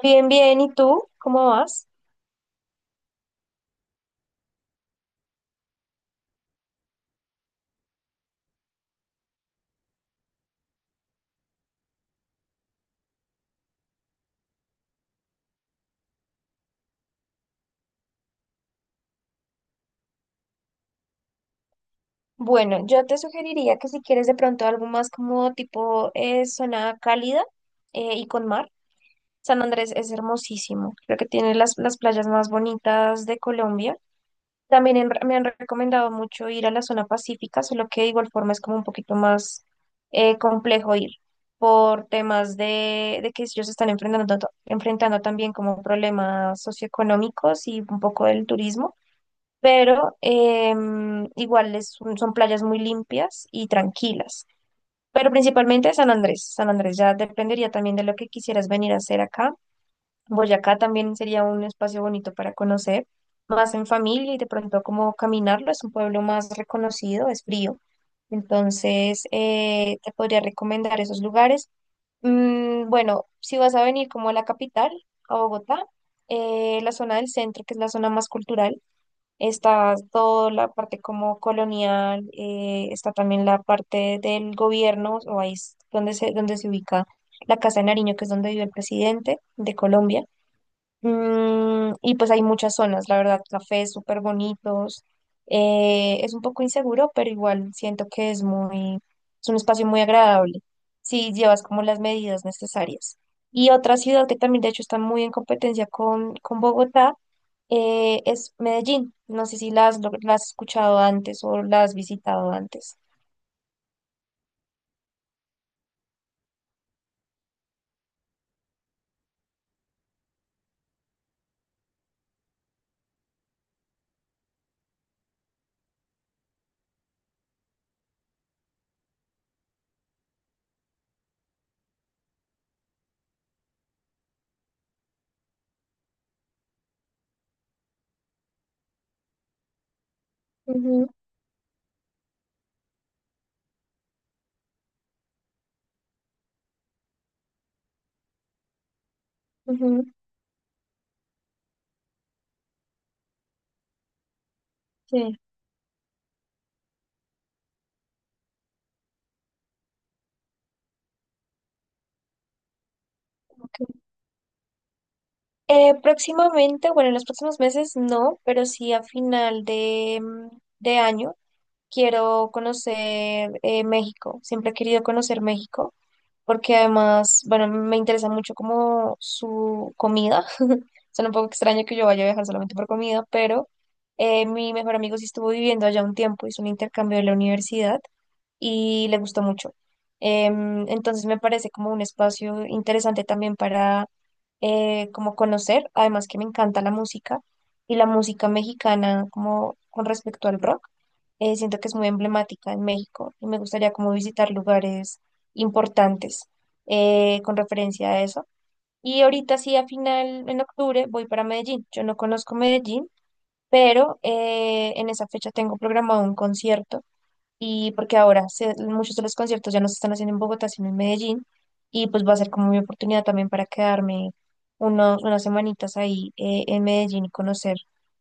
Bien, bien, ¿y tú? ¿Cómo vas? Bueno, yo te sugeriría que si quieres de pronto algo más como tipo zona cálida y con mar, San Andrés es hermosísimo, creo que tiene las playas más bonitas de Colombia. También me han recomendado mucho ir a la zona pacífica, solo que de igual forma es como un poquito más complejo ir por temas de que ellos están enfrentando, enfrentando también como problemas socioeconómicos y un poco del turismo. Pero igual es son playas muy limpias y tranquilas. Pero principalmente San Andrés. San Andrés ya dependería también de lo que quisieras venir a hacer acá. Boyacá también sería un espacio bonito para conocer, más en familia y de pronto como caminarlo. Es un pueblo más reconocido, es frío. Entonces, te podría recomendar esos lugares. Bueno, si vas a venir como a la capital, a Bogotá, la zona del centro, que es la zona más cultural, está toda la parte como colonial, está también la parte del gobierno, o ahí es donde donde se ubica la Casa de Nariño, que es donde vive el presidente de Colombia. Y pues hay muchas zonas, la verdad, cafés súper bonitos. Es un poco inseguro, pero igual siento que es un espacio muy agradable si llevas como las medidas necesarias. Y otra ciudad que también de hecho está muy en competencia con Bogotá es Medellín. No sé si la has escuchado antes o la has visitado antes. Ujú, ujú, sí. Ok. Próximamente, bueno, en los próximos meses no, pero sí a final de, de año quiero conocer México. Siempre he querido conocer México porque además, bueno, me interesa mucho como su comida. Suena un poco extraño que yo vaya a viajar solamente por comida, pero mi mejor amigo sí estuvo viviendo allá un tiempo, hizo un intercambio de la universidad y le gustó mucho. Entonces me parece como un espacio interesante también para como conocer, además que me encanta la música y la música mexicana como con respecto al rock, siento que es muy emblemática en México y me gustaría como visitar lugares importantes con referencia a eso. Y ahorita sí, a final, en octubre, voy para Medellín. Yo no conozco Medellín, pero en esa fecha tengo programado un concierto y porque ahora muchos de los conciertos ya no se están haciendo en Bogotá, sino en Medellín. Y pues va a ser como mi oportunidad también para quedarme unas semanitas ahí en Medellín y conocer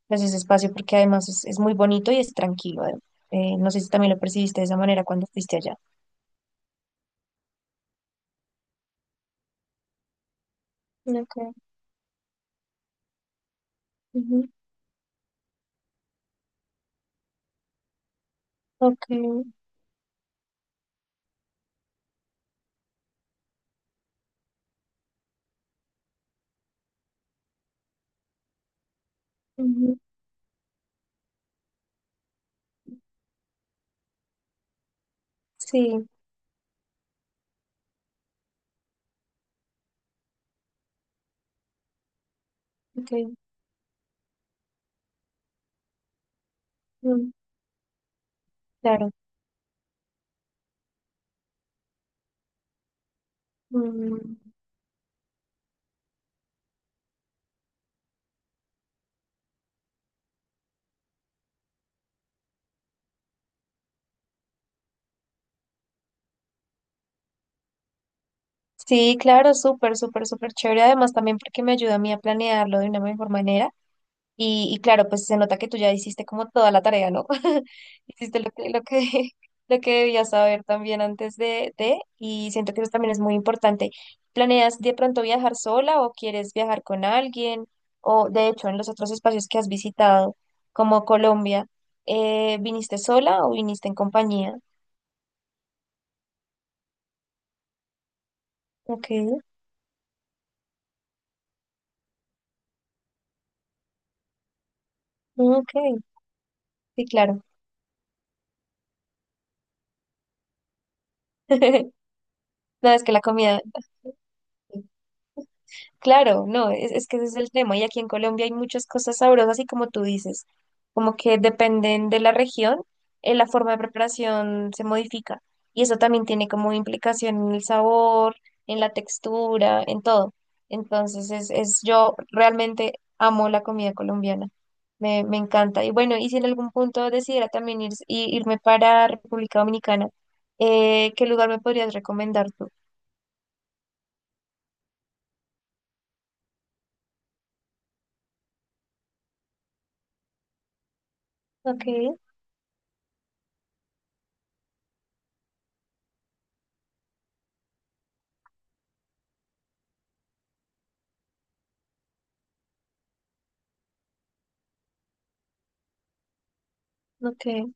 pues, ese espacio porque además es muy bonito y es tranquilo. No sé si también lo percibiste de esa manera cuando fuiste allá. Okay. Ujú, ok. Ujú, sí, ok, mm, claro. Mm, sí, claro, súper, súper, súper chévere. Además, también porque me ayuda a mí a planearlo de una mejor manera. Y claro, pues se nota que tú ya hiciste como toda la tarea, ¿no? Hiciste lo que debías saber también antes y siento que eso también es muy importante. ¿Planeas de pronto viajar sola o quieres viajar con alguien? O de hecho, en los otros espacios que has visitado, como Colombia, ¿viniste sola o viniste en compañía? Ok, ok, sí, claro. No, es que la comida, claro, no, es que ese es el tema. Y aquí en Colombia hay muchas cosas sabrosas y como tú dices, como que dependen de la región, la forma de preparación se modifica. Y eso también tiene como implicación en el sabor, en la textura, en todo. Entonces, yo realmente amo la comida colombiana. Me encanta. Y bueno, y si en algún punto decidiera también irme para República Dominicana, ¿qué lugar me podrías recomendar tú? Ok, ok,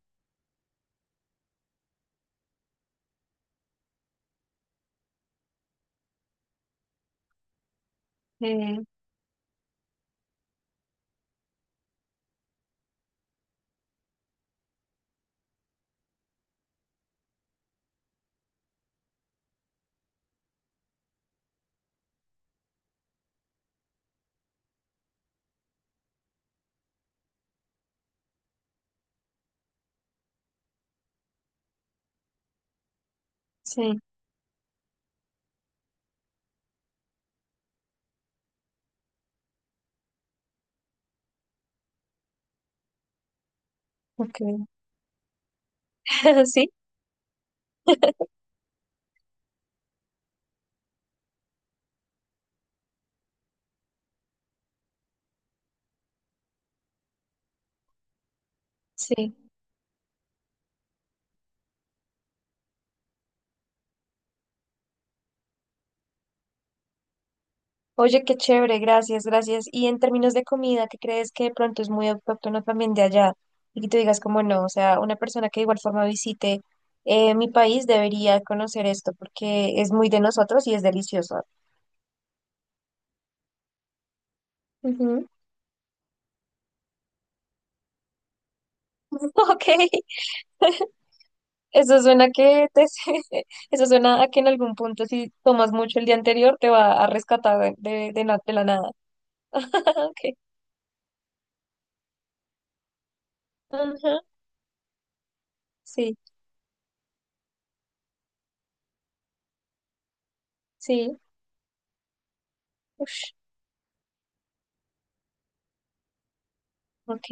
eh, sí. Ok. Sí, sí. Oye, qué chévere, gracias, gracias. Y en términos de comida, ¿qué crees que de pronto es muy autóctono también de allá? Y que tú digas como no, o sea, una persona que de igual forma visite mi país debería conocer esto porque es muy de nosotros y es delicioso. Ujú. Ok, eso suena que eso suena a que en algún punto si tomas mucho el día anterior te va a rescatar de la nada. Ok, ajá. Sí, sí, ush, ok,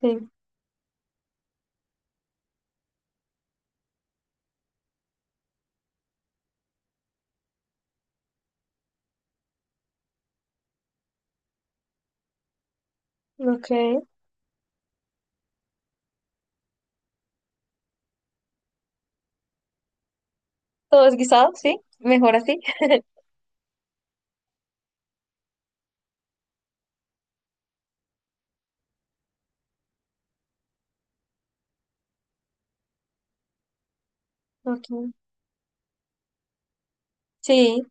sí. Ok. Todo es guisado, sí. Mejor así. Ok. Sí.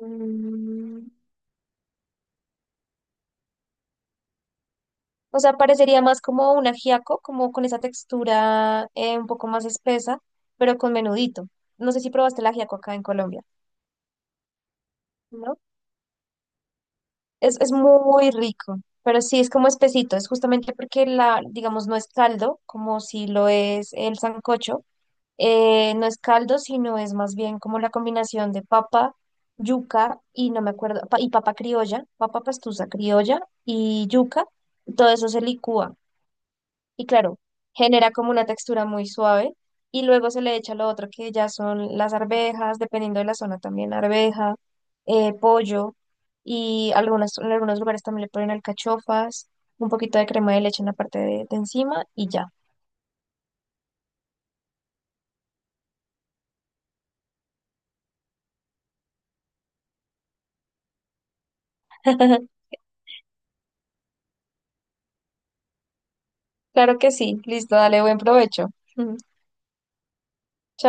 Mm, o sea, parecería más como un ajiaco, como con esa textura un poco más espesa, pero con menudito. No sé si probaste el ajiaco acá en Colombia, ¿no? Es muy rico, pero sí es como espesito. Es justamente porque la, digamos, no es caldo, como si lo es el sancocho, no es caldo, sino es más bien como la combinación de papa, yuca y no me acuerdo, y papa criolla, papa pastusa criolla y yuca. Todo eso se licúa y claro, genera como una textura muy suave y luego se le echa lo otro que ya son las arvejas, dependiendo de la zona también, arveja, pollo y algunas, en algunos lugares también le ponen alcachofas, un poquito de crema de leche en la parte de encima y ya. Claro que sí, listo, dale buen provecho. Chao.